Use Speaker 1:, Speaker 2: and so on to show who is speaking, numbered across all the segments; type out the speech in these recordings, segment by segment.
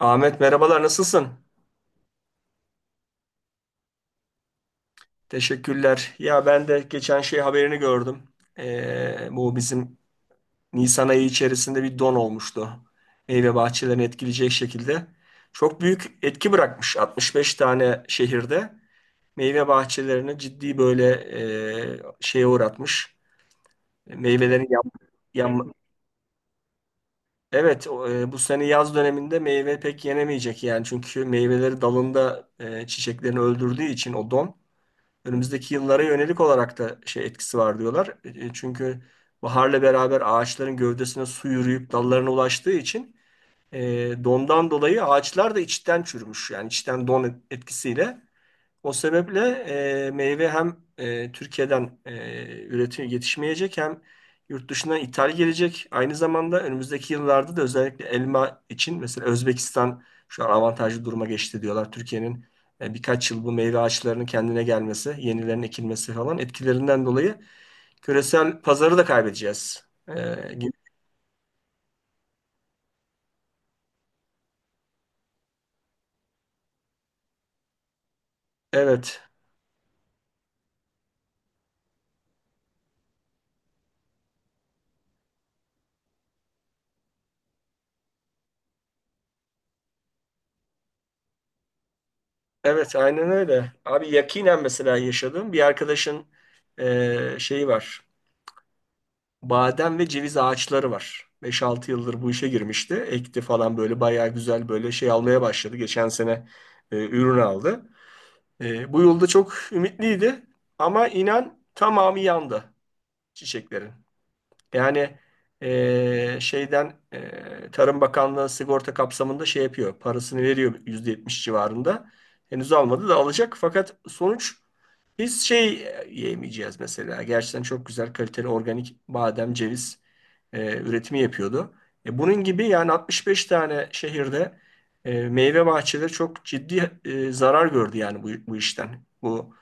Speaker 1: Ahmet, merhabalar, nasılsın? Teşekkürler. Ya ben de geçen şey haberini gördüm. Bu bizim Nisan ayı içerisinde bir don olmuştu. Meyve bahçelerini etkileyecek şekilde. Çok büyük etki bırakmış 65 tane şehirde. Meyve bahçelerini ciddi böyle, şeye uğratmış. Meyvelerin yan, yan- Evet. Bu sene yaz döneminde meyve pek yenemeyecek yani. Çünkü meyveleri dalında, çiçeklerini öldürdüğü için o don. Önümüzdeki yıllara yönelik olarak da şey etkisi var diyorlar. Çünkü baharla beraber ağaçların gövdesine su yürüyüp dallarına ulaştığı için, e, dondan dolayı ağaçlar da içten çürümüş. Yani içten don etkisiyle. O sebeple meyve hem Türkiye'den üretim yetişmeyecek, hem yurt dışına ithal gelecek. Aynı zamanda önümüzdeki yıllarda da özellikle elma için mesela Özbekistan şu an avantajlı duruma geçti diyorlar. Türkiye'nin birkaç yıl bu meyve ağaçlarının kendine gelmesi, yenilerinin ekilmesi falan etkilerinden dolayı küresel pazarı da kaybedeceğiz. Gibi. Evet, evet, aynen öyle. Abi, yakinen mesela yaşadığım bir arkadaşın şeyi var. Badem ve ceviz ağaçları var. Beş altı yıldır bu işe girmişti. Ekti falan böyle bayağı güzel böyle şey almaya başladı. Geçen sene ürün aldı. Bu yılda çok ümitliydi ama inan tamamı yandı çiçeklerin. Yani şeyden Tarım Bakanlığı sigorta kapsamında şey yapıyor. Parasını veriyor, %70 civarında. Henüz almadı da alacak, fakat sonuç biz şey yiyemeyeceğiz mesela. Gerçekten çok güzel, kaliteli organik badem, ceviz üretimi yapıyordu. Bunun gibi yani 65 tane şehirde meyve bahçeleri çok ciddi zarar gördü yani bu işten.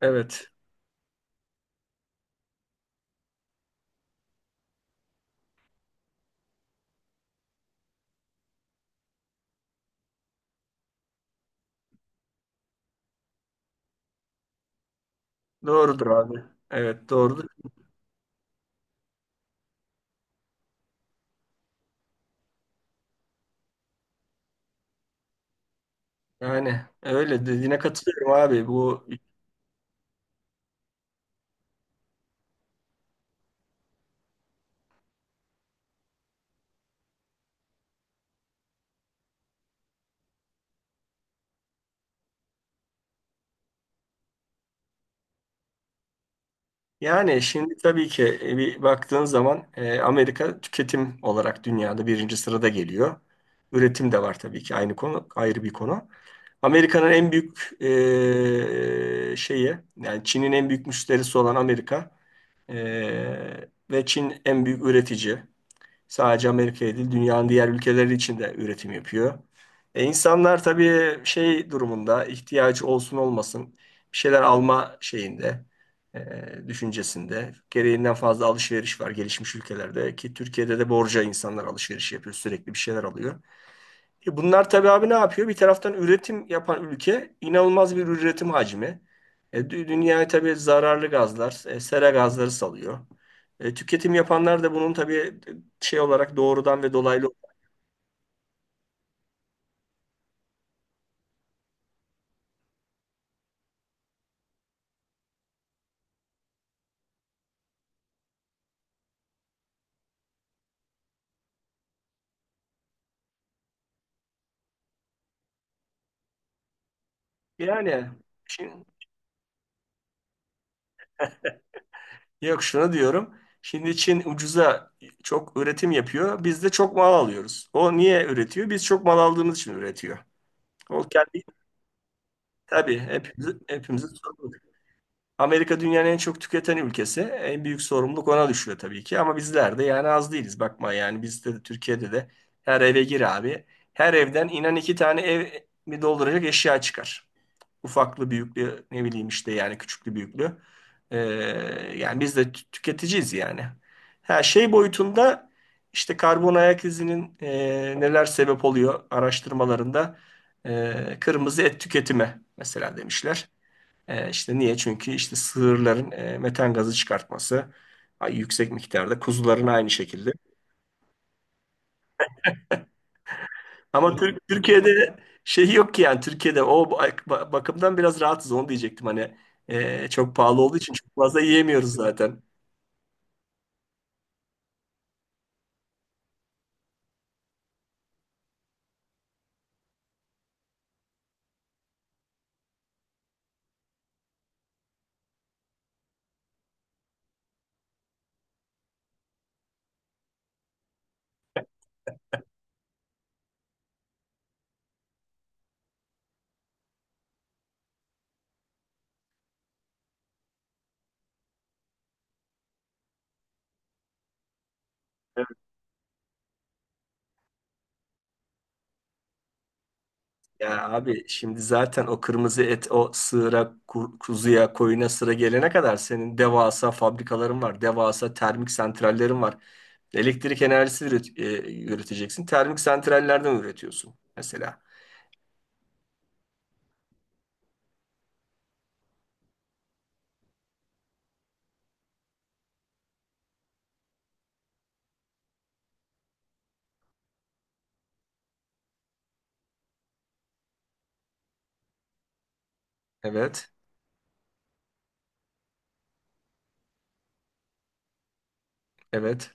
Speaker 1: Evet, doğrudur abi. Evet, doğrudur. Yani öyle dediğine katılıyorum abi. Yani şimdi tabii ki, bir baktığın zaman, Amerika tüketim olarak dünyada birinci sırada geliyor. Üretim de var tabii ki, aynı konu ayrı bir konu. Amerika'nın en büyük şeyi, yani Çin'in en büyük müşterisi olan Amerika, ve Çin en büyük üretici. Sadece Amerika'ya değil, dünyanın diğer ülkeleri için de üretim yapıyor. İnsanlar tabii şey durumunda, ihtiyacı olsun olmasın, bir şeyler alma şeyinde, düşüncesinde gereğinden fazla alışveriş var gelişmiş ülkelerde. Ki Türkiye'de de borca insanlar alışveriş yapıyor, sürekli bir şeyler alıyor. Bunlar tabii abi, ne yapıyor? Bir taraftan üretim yapan ülke, inanılmaz bir üretim hacmi. Dünyaya tabii zararlı gazlar, sera gazları salıyor. Tüketim yapanlar da bunun tabii şey olarak, doğrudan ve dolaylı. Yani Çin, yok, şunu diyorum. Şimdi Çin ucuza çok üretim yapıyor. Biz de çok mal alıyoruz. O niye üretiyor? Biz çok mal aldığımız için üretiyor. O kendi Tabii, hepimizi sorumlu. Amerika dünyanın en çok tüketen ülkesi. En büyük sorumluluk ona düşüyor tabii ki. Ama bizler de yani az değiliz. Bakma, yani bizde de, Türkiye'de de her eve gir abi. Her evden, inan, iki tane ev mi dolduracak eşya çıkar. Ufaklı büyüklü, ne bileyim işte, yani küçüklü büyüklü. Ee, yani biz de tüketiciyiz yani. Her şey boyutunda, işte karbon ayak izinin neler sebep oluyor araştırmalarında kırmızı et tüketimi mesela demişler. İşte niye? Çünkü işte sığırların metan gazı çıkartması, yüksek miktarda. Kuzuların aynı şekilde. Ama Türkiye'de şey yok ki yani, Türkiye'de o bakımdan biraz rahatız, onu diyecektim. Hani çok pahalı olduğu için çok fazla yiyemiyoruz zaten. Evet. Ya abi, şimdi zaten o kırmızı et, o sığıra, kuzuya, koyuna sıra gelene kadar senin devasa fabrikaların var. Devasa termik santrallerin var. Elektrik enerjisi üreteceksin. Termik santrallerden üretiyorsun mesela. Evet. Evet.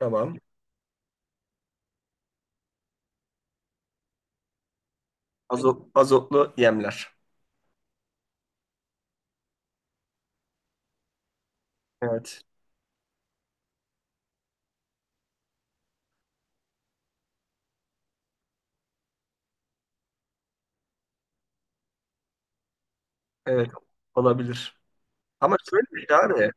Speaker 1: Tamam. Azot, azotlu yemler. Evet. Evet. Olabilir. Ama şöyle bir şey abi.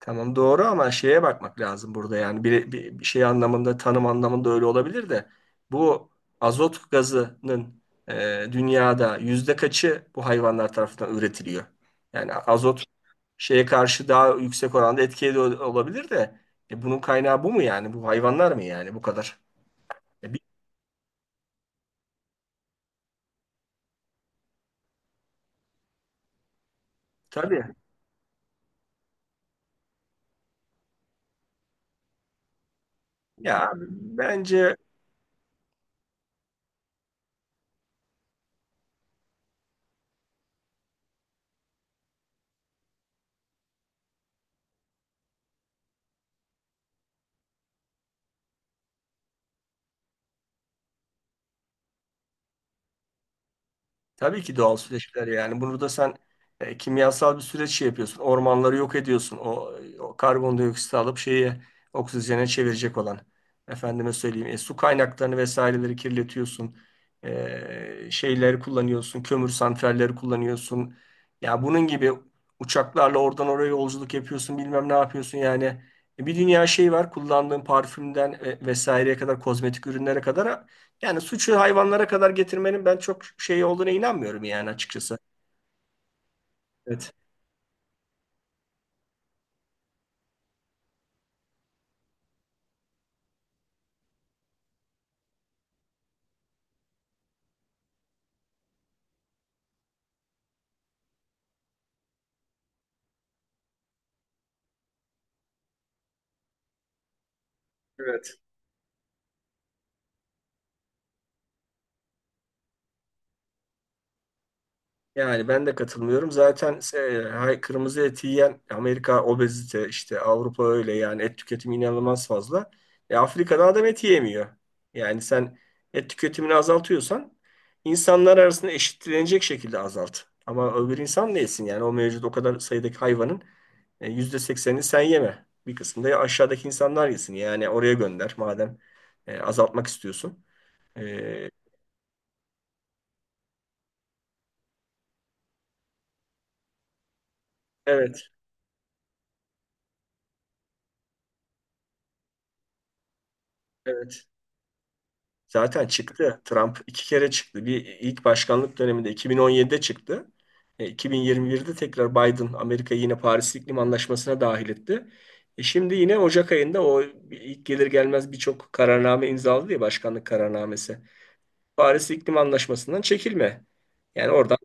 Speaker 1: Tamam, doğru, ama şeye bakmak lazım burada, yani bir şey anlamında, tanım anlamında öyle olabilir de, bu azot gazının dünyada yüzde kaçı bu hayvanlar tarafından üretiliyor? Yani azot şeye karşı daha yüksek oranda etkili olabilir de, bunun kaynağı bu mu yani? Bu hayvanlar mı yani, bu kadar? E, bir, tabii ya, bence tabii ki doğal süreçler yani. Burada sen kimyasal bir süreç şey yapıyorsun. Ormanları yok ediyorsun. O karbondioksiti alıp şeyi oksijene çevirecek olan. Efendime söyleyeyim, su kaynaklarını vesaireleri kirletiyorsun. Şeyleri kullanıyorsun. Kömür santralleri kullanıyorsun. Ya bunun gibi, uçaklarla oradan oraya yolculuk yapıyorsun. Bilmem ne yapıyorsun yani. Bir dünya şey var. Kullandığın parfümden vesaireye kadar, kozmetik ürünlere kadar, yani suçu hayvanlara kadar getirmenin ben çok şey olduğuna inanmıyorum yani, açıkçası. Evet. Evet. Yani ben de katılmıyorum. Zaten kırmızı et yiyen Amerika obezite, işte Avrupa öyle, yani et tüketimi inanılmaz fazla. Afrika'da adam et yemiyor. Yani sen et tüketimini azaltıyorsan, insanlar arasında eşitlenecek şekilde azalt. Ama öbür insan ne yesin yani? O mevcut, o kadar sayıdaki hayvanın %80'ini sen yeme. Bir kısmını da aşağıdaki insanlar yesin. Yani oraya gönder, madem azaltmak istiyorsun. E, evet, evet. Zaten çıktı. Trump iki kere çıktı. Bir, ilk başkanlık döneminde 2017'de çıktı. 2021'de tekrar Biden Amerika'yı yine Paris İklim Anlaşması'na dahil etti. Şimdi yine Ocak ayında o, ilk gelir gelmez birçok kararname imzaladı ya, başkanlık kararnamesi. Paris İklim Anlaşması'ndan çekilme. Yani oradan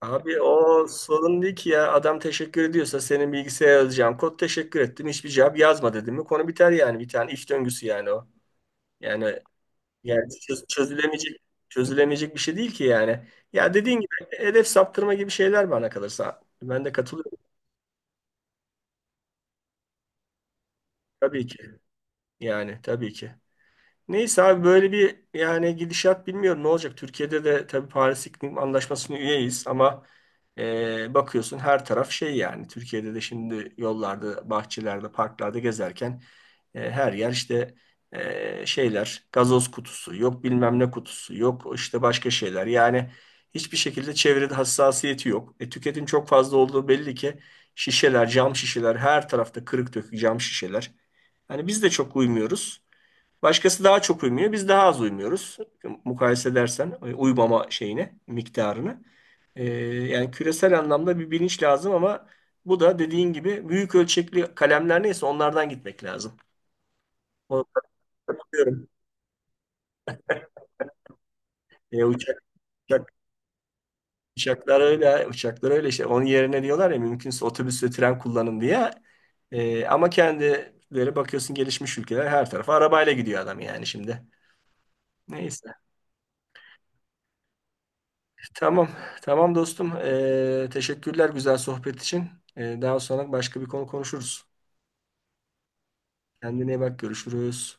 Speaker 1: Abi, o sorun değil ki ya. Adam teşekkür ediyorsa, senin bilgisayara yazacağım kod teşekkür ettim, hiçbir cevap yazma dedim mi, konu biter yani. Bir tane iş döngüsü yani o. Yani Yani çözülemeyecek bir şey değil ki yani. Ya dediğin gibi hedef saptırma gibi şeyler, bana kalırsa ben de katılıyorum, tabii ki. Yani tabii ki. Neyse abi, böyle bir yani, gidişat bilmiyorum ne olacak. Türkiye'de de tabii Paris İklim Anlaşması'na üyeyiz ama bakıyorsun her taraf şey yani. Türkiye'de de şimdi yollarda, bahçelerde, parklarda gezerken her yer işte, şeyler, gazoz kutusu, yok bilmem ne kutusu, yok işte başka şeyler. Yani hiçbir şekilde çevrede hassasiyeti yok. Tüketim çok fazla olduğu belli ki, şişeler, cam şişeler, her tarafta kırık dökük cam şişeler. Hani biz de çok uymuyoruz. Başkası daha çok uymuyor, biz daha az uymuyoruz. Mukayese edersen, şeyine, miktarını. E, yani küresel anlamda bir bilinç lazım ama bu da dediğin gibi, büyük ölçekli kalemler neyse, onlardan gitmek lazım. Onu katılıyorum. E, uçak, uçak, Uçaklar öyle, uçaklar öyle işte. Onun yerine diyorlar ya, mümkünse otobüs ve tren kullanın diye. Ama kendileri bakıyorsun, gelişmiş ülkeler, her tarafa arabayla gidiyor adam yani şimdi. Neyse. Tamam. Tamam dostum. Teşekkürler güzel sohbet için. Daha sonra başka bir konu konuşuruz. Kendine iyi bak. Görüşürüz.